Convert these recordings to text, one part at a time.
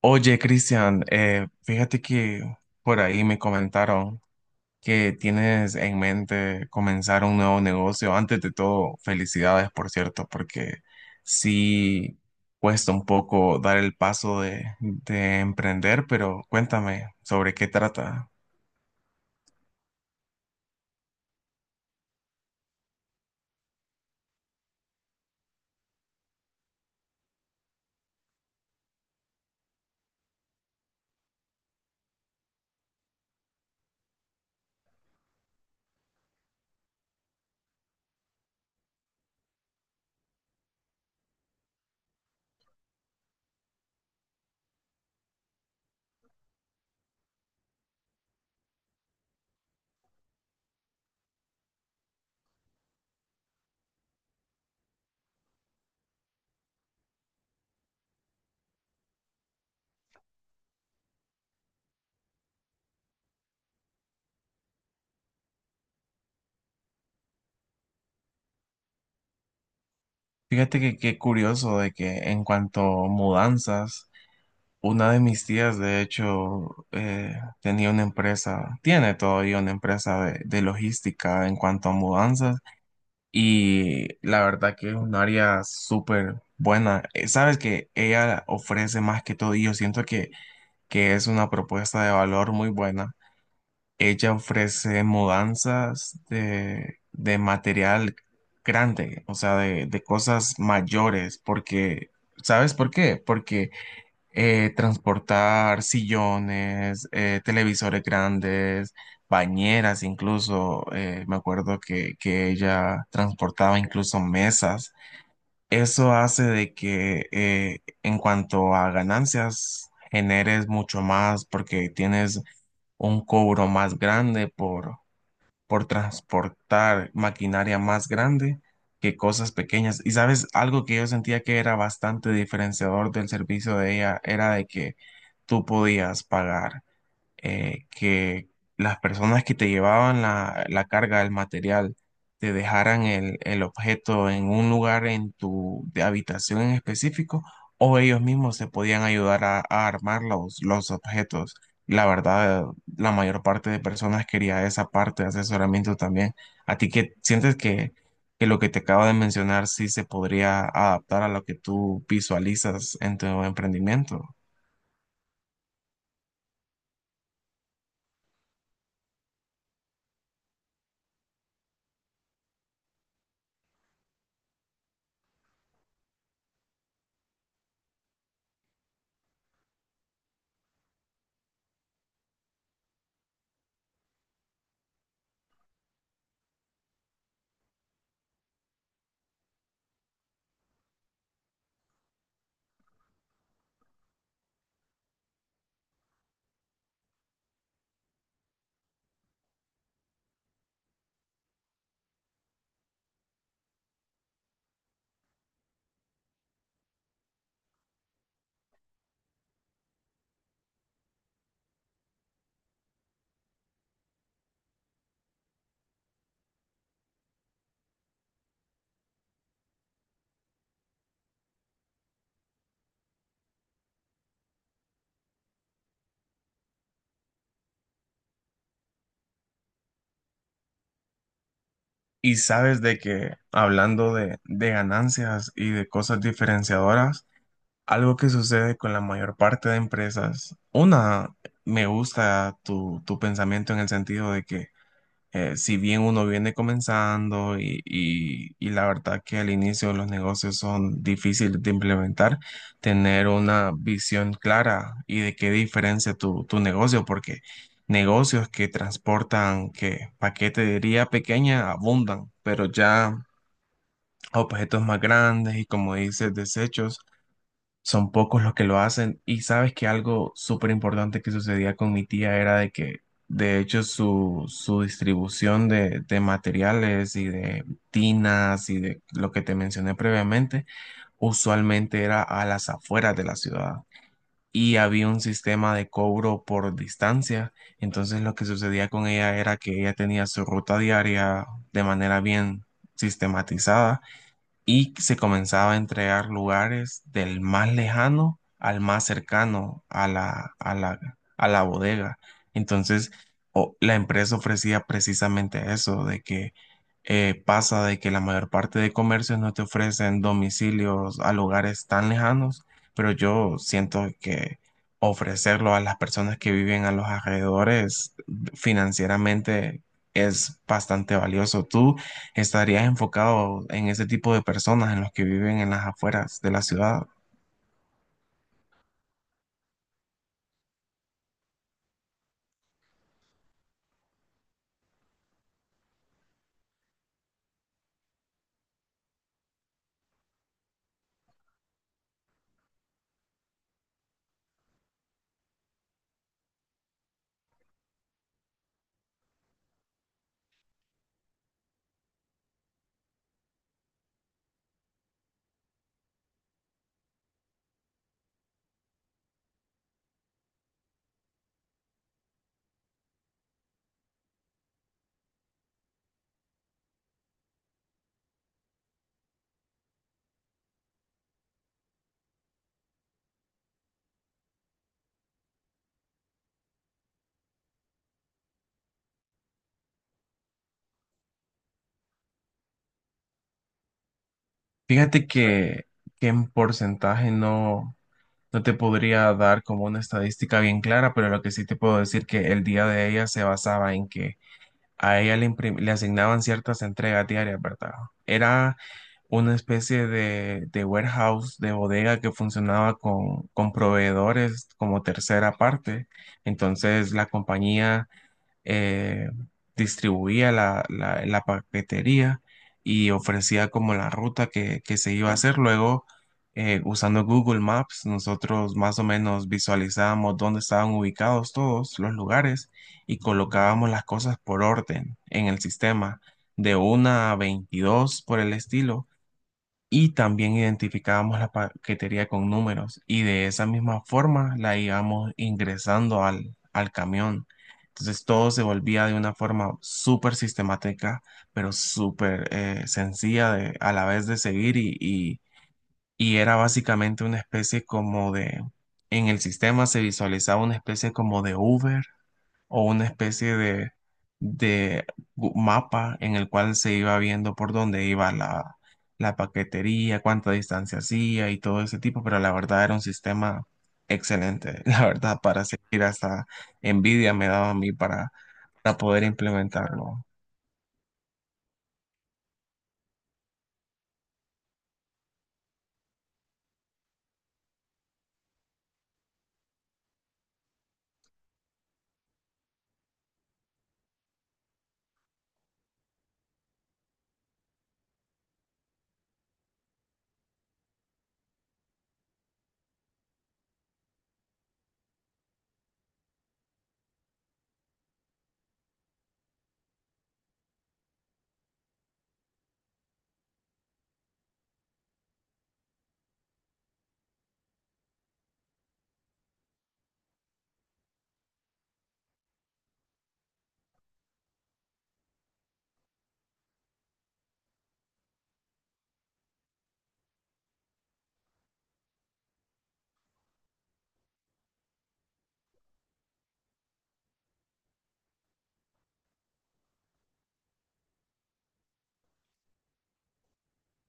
Oye, Cristian, fíjate que por ahí me comentaron que tienes en mente comenzar un nuevo negocio. Antes de todo, felicidades, por cierto, porque sí cuesta un poco dar el paso de emprender, pero cuéntame sobre qué trata. Fíjate que qué curioso de que en cuanto a mudanzas, una de mis tías, de hecho, tenía una empresa, tiene todavía una empresa de logística en cuanto a mudanzas. Y la verdad que es un área súper buena. Sabes que ella ofrece más que todo, y yo siento que es una propuesta de valor muy buena. Ella ofrece mudanzas de material grande, o sea, de cosas mayores, porque, ¿sabes por qué? Porque transportar sillones, televisores grandes, bañeras incluso. Me acuerdo que ella transportaba incluso mesas. Eso hace de que en cuanto a ganancias generes mucho más porque tienes un cobro más grande por transportar maquinaria más grande que cosas pequeñas. Y sabes, algo que yo sentía que era bastante diferenciador del servicio de ella era de que tú podías pagar que las personas que te llevaban la carga, el material, te dejaran el objeto en un lugar en tu de habitación en específico, o ellos mismos se podían ayudar a armar los objetos. La verdad, la mayor parte de personas quería esa parte de asesoramiento también. ¿A ti que sientes que lo que te acabo de mencionar sí se podría adaptar a lo que tú visualizas en tu emprendimiento? Y sabes de que hablando de ganancias y de cosas diferenciadoras, algo que sucede con la mayor parte de empresas, una, me gusta tu pensamiento en el sentido de que si bien uno viene comenzando y la verdad que al inicio los negocios son difíciles de implementar, tener una visión clara y de qué diferencia tu negocio, porque negocios que transportan, que paquetería pequeña abundan, pero ya objetos más grandes y como dices, desechos. Son pocos los que lo hacen. Y sabes que algo súper importante que sucedía con mi tía era de que, de hecho, su distribución de materiales y de tinas y de lo que te mencioné previamente, usualmente era a las afueras de la ciudad. Y había un sistema de cobro por distancia. Entonces lo que sucedía con ella era que ella tenía su ruta diaria de manera bien sistematizada y se comenzaba a entregar lugares del más lejano al más cercano a a la bodega. Entonces, la empresa ofrecía precisamente eso, de que pasa de que la mayor parte de comercios no te ofrecen domicilios a lugares tan lejanos, pero yo siento que ofrecerlo a las personas que viven a los alrededores financieramente es bastante valioso. ¿Tú estarías enfocado en ese tipo de personas, en los que viven en las afueras de la ciudad? Fíjate que en porcentaje no te podría dar como una estadística bien clara, pero lo que sí te puedo decir que el día de ella se basaba en que a ella le asignaban ciertas entregas diarias, ¿verdad? Era una especie de warehouse, de bodega que funcionaba con proveedores como tercera parte. Entonces la compañía eh, distribuía la paquetería y ofrecía como la ruta que se iba a hacer. Luego, usando Google Maps, nosotros más o menos visualizábamos dónde estaban ubicados todos los lugares y colocábamos las cosas por orden en el sistema, de una a 22 por el estilo y también identificábamos la paquetería con números y de esa misma forma la íbamos ingresando al camión. Entonces todo se volvía de una forma súper sistemática, pero súper sencilla a la vez de seguir y era básicamente una especie como de, en el sistema se visualizaba una especie como de Uber o una especie de, de mapa en el cual se iba viendo por dónde iba la paquetería, cuánta distancia hacía y todo ese tipo, pero la verdad era un sistema excelente. La verdad, para seguir hasta envidia me daba a mí para poder implementarlo.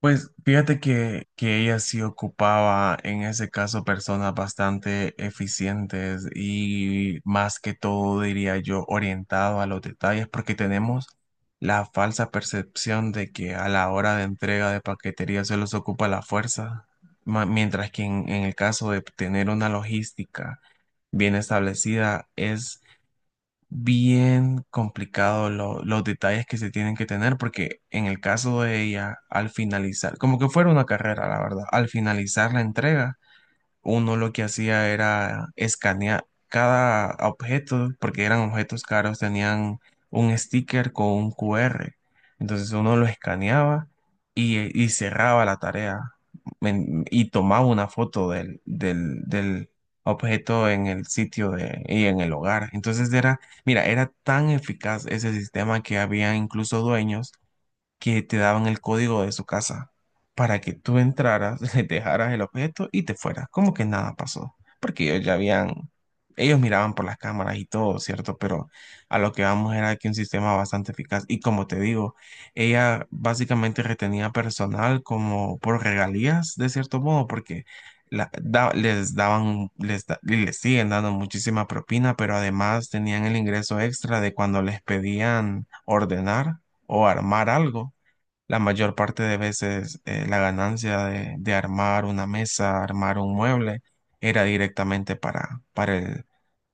Pues fíjate que ella sí ocupaba en ese caso personas bastante eficientes y más que todo diría yo orientado a los detalles porque tenemos la falsa percepción de que a la hora de entrega de paquetería se los ocupa la fuerza, mientras que en el caso de tener una logística bien establecida es bien complicado los detalles que se tienen que tener, porque en el caso de ella, al finalizar, como que fuera una carrera, la verdad, al finalizar la entrega uno lo que hacía era escanear cada objeto, porque eran objetos caros, tenían un sticker con un QR. Entonces uno lo escaneaba y cerraba la tarea y tomaba una foto del objeto en el sitio de, y en el hogar. Entonces era, mira, era tan eficaz ese sistema que había incluso dueños que te daban el código de su casa para que tú entraras, le dejaras el objeto y te fueras. Como que nada pasó, porque ellos ya habían, ellos miraban por las cámaras y todo, ¿cierto? Pero a lo que vamos era que un sistema bastante eficaz. Y como te digo, ella básicamente retenía personal como por regalías, de cierto modo, porque... les daban, y les siguen dando muchísima propina, pero además tenían el ingreso extra de cuando les pedían ordenar o armar algo. La mayor parte de veces la ganancia de armar una mesa, armar un mueble, era directamente para el,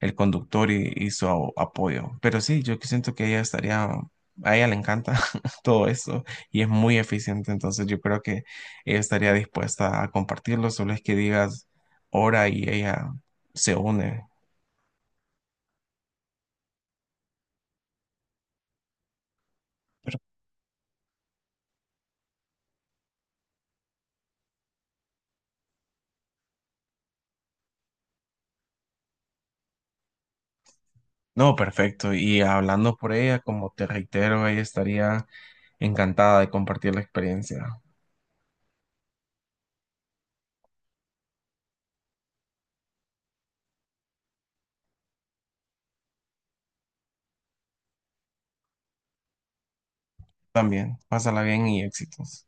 el conductor y, apoyo. Pero sí, yo que siento que ella estaría, a ella le encanta todo eso y es muy eficiente, entonces yo creo que ella estaría dispuesta a compartirlo, solo es que digas hora y ella se une. No, perfecto. Y hablando por ella, como te reitero, ella estaría encantada de compartir la experiencia. También, pásala bien y éxitos.